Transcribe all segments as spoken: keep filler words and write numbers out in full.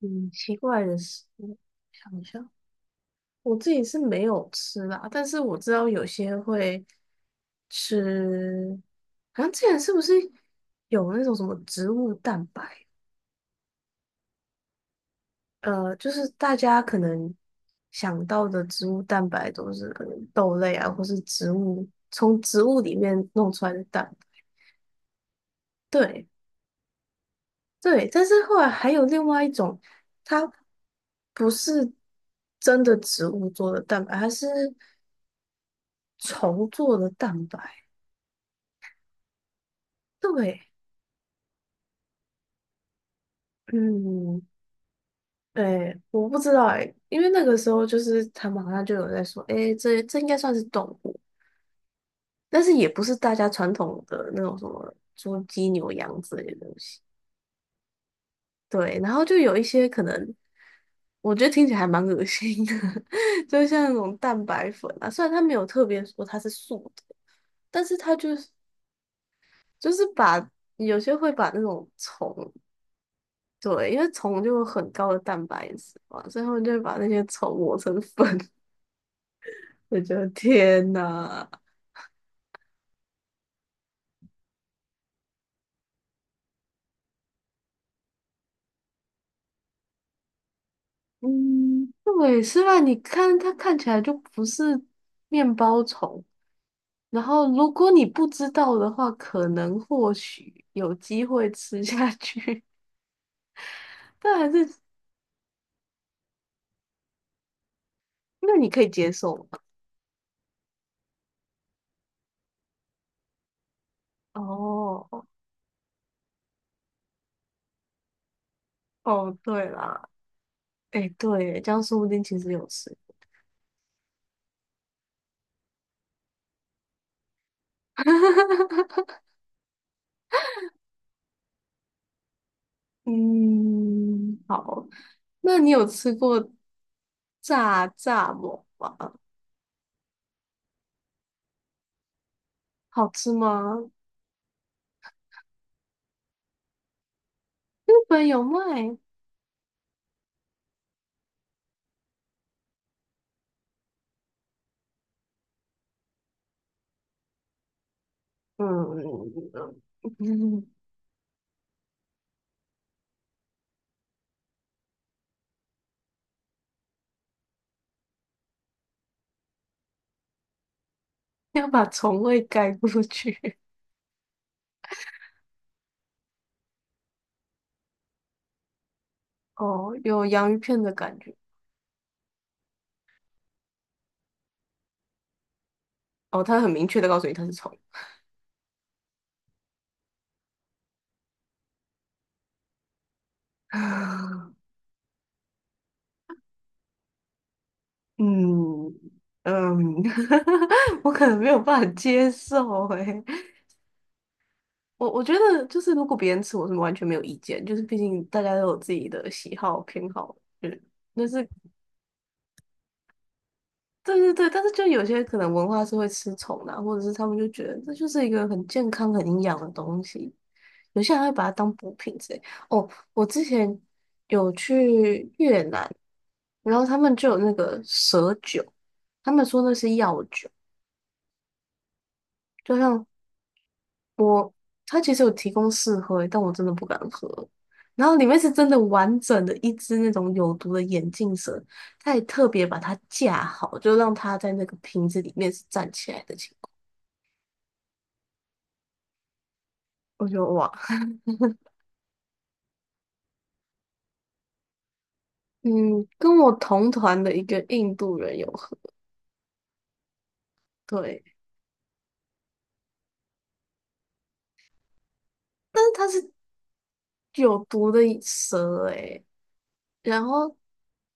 嗯，奇怪的食物，想想，我自己是没有吃啦，但是我知道有些会吃，好像之前是不是有那种什么植物蛋白？呃，就是大家可能想到的植物蛋白都是可能豆类啊，或是植物从植物里面弄出来的蛋白。对对，但是后来还有另外一种，它不是真的植物做的蛋白，它是。重做的蛋白，对。嗯，对，我不知道哎、因为那个时候就是他们好像就有在说，哎、这这应该算是动物，但是也不是大家传统的那种什么猪、鸡、牛、羊之类的东西。对，然后就有一些可能，我觉得听起来还蛮恶心的。就像那种蛋白粉啊，虽然它没有特别说它是素的，但是它就是就是把有些会把那种虫。对，因为虫就有很高的蛋白质嘛，所以他们就会把那些虫磨成粉。我觉得天呐。嗯，对，是吧？你看它看起来就不是面包虫，然后如果你不知道的话，可能或许有机会吃下去。但还是那你可以接受吗？哦哦，对啦，哎，对耶，这样说不定其实有吃。嗯，好，那你有吃过炸炸馍吗？好吃吗？日本有卖。嗯，嗯要把虫味盖过去。哦，有洋芋片的感觉。哦，它很明确的告诉你它是虫。嗯嗯，我可能没有办法接受诶。我我觉得就是如果别人吃，我是完全没有意见，就是毕竟大家都有自己的喜好偏好，嗯。那是对对对，但是就有些可能文化是会吃虫的啊，或者是他们就觉得这就是一个很健康、很营养的东西，有些人还会把它当补品之类。哦，我之前有去越南，然后他们就有那个蛇酒，他们说那是药酒，就像我，他其实有提供试喝，但我真的不敢喝。然后里面是真的完整的一只那种有毒的眼镜蛇，他也特别把它架好，就让它在那个瓶子里面是站起来的情。我就哇，嗯，跟我同团的一个印度人有合，对，但是他是有毒的蛇诶，然后，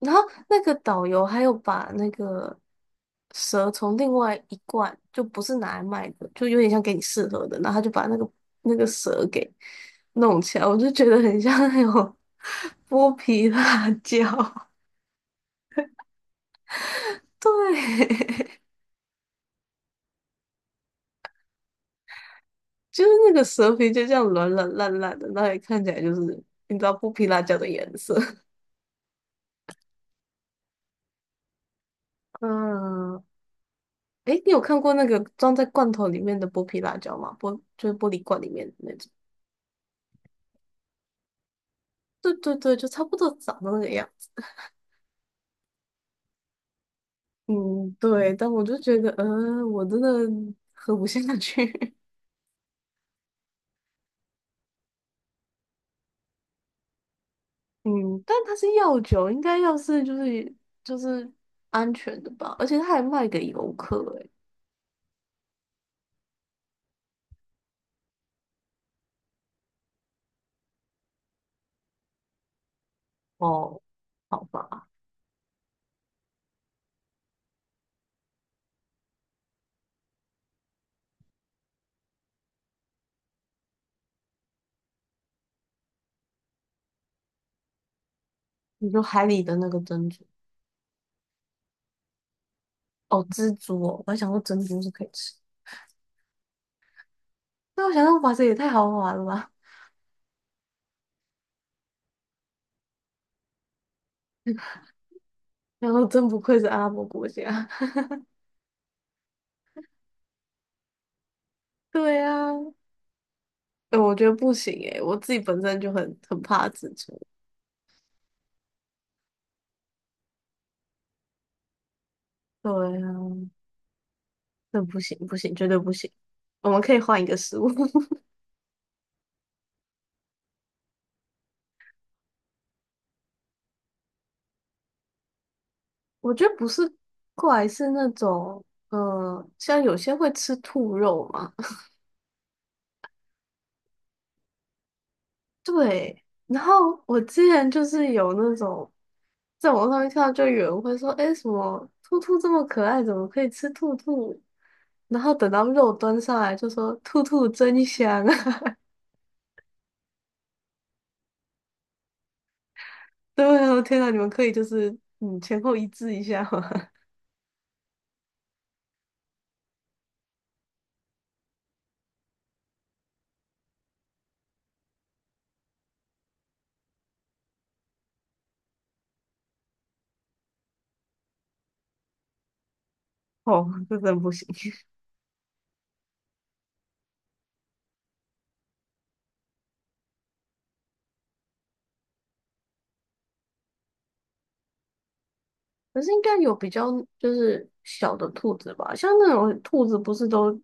然后那个导游还有把那个蛇从另外一罐，就不是拿来卖的，就有点像给你试喝的，然后他就把那个那个蛇给弄起来，我就觉得很像那种 剥皮辣椒，对。就是那个蛇皮就这样软软烂烂的，那也看起来就是你知道剥皮辣椒的颜色。嗯，诶，你有看过那个装在罐头里面的剥皮辣椒吗？玻就是玻璃罐里面的那种。对对对，就差不多长得那个样子。嗯，对，但我就觉得，嗯，我真的喝不下去。嗯，但它是药酒，应该要是就是就是安全的吧，而且它还卖给游客、欸诶。哦，好吧，你说海里的那个珍珠。哦，蜘蛛哦，我还想说珍珠是可以吃，那我想说哇塞，也太豪华了吧！然后真不愧是阿拉伯国家。对啊，哎、我觉得不行哎、我自己本身就很很怕蜘蛛。对啊，那不行不行，绝对不行。我们可以换一个食物。我觉得不是怪，是那种嗯，像有些会吃兔肉嘛。对，然后我之前就是有那种在网上面看到，就有人会说，哎，什么兔兔这么可爱，怎么可以吃兔兔？然后等到肉端上来就说“兔兔真香啊”。对，我天呐，你们可以就是嗯前后一致一下吗？哦，这真不行。可是应该有比较就是小的兔子吧，像那种兔子不是都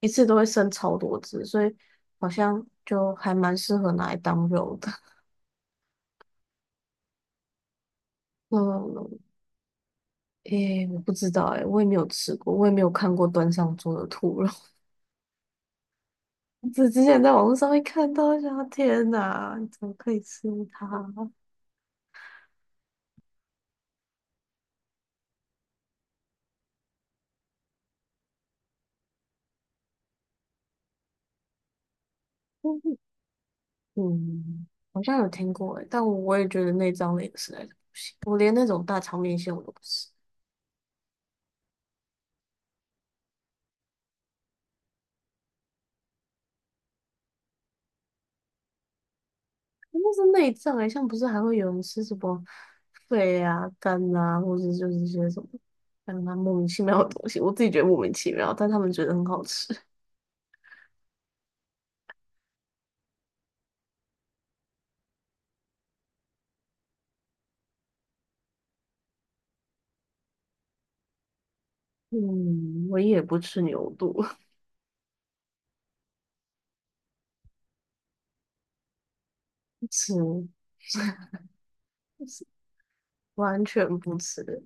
一次都会生超多只，所以好像就还蛮适合拿来当肉的。嗯，诶，我不知道诶，我也没有吃过，我也没有看过端上桌的兔肉。只之前在网络上会看到，想天呐，你怎么可以吃它？嗯，好像有听过诶，但我也觉得内脏类的实在是，我连那种大肠面线我都不吃，那是内脏诶，像不是还会有人吃什么肺啊、肝啊，或者就是一些什么，让他莫名其妙的东西，我自己觉得莫名其妙，但他们觉得很好吃。嗯，我也不吃牛肚。不吃，不吃完全不吃。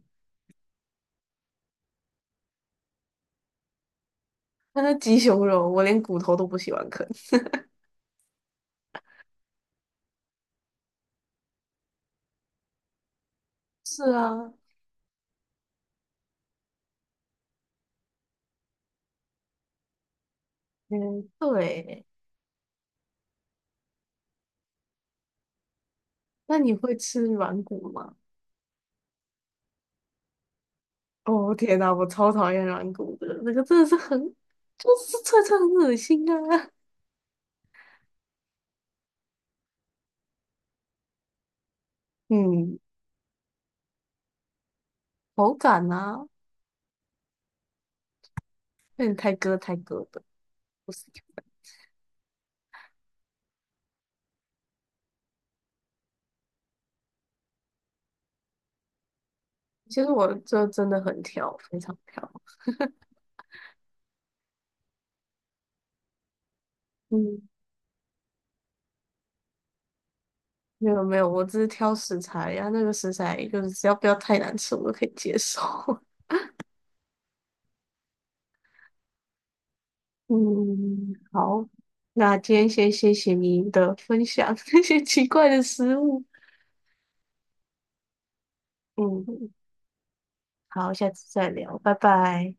那是鸡胸肉，我连骨头都不喜欢啃。是啊，嗯，对欸。那你会吃软骨吗？哦天哪，我超讨厌软骨的，那个真的是很，就是脆脆很恶心啊。嗯，口感啊，有点太割太割的。其实我这真的很挑，非常挑。嗯，没有没有，我只是挑食材呀、那个食材就是只要不要太难吃，我都可以接受。嗯，好，那今天先谢谢你的分享，那些奇怪的食物。嗯，好，下次再聊，拜拜。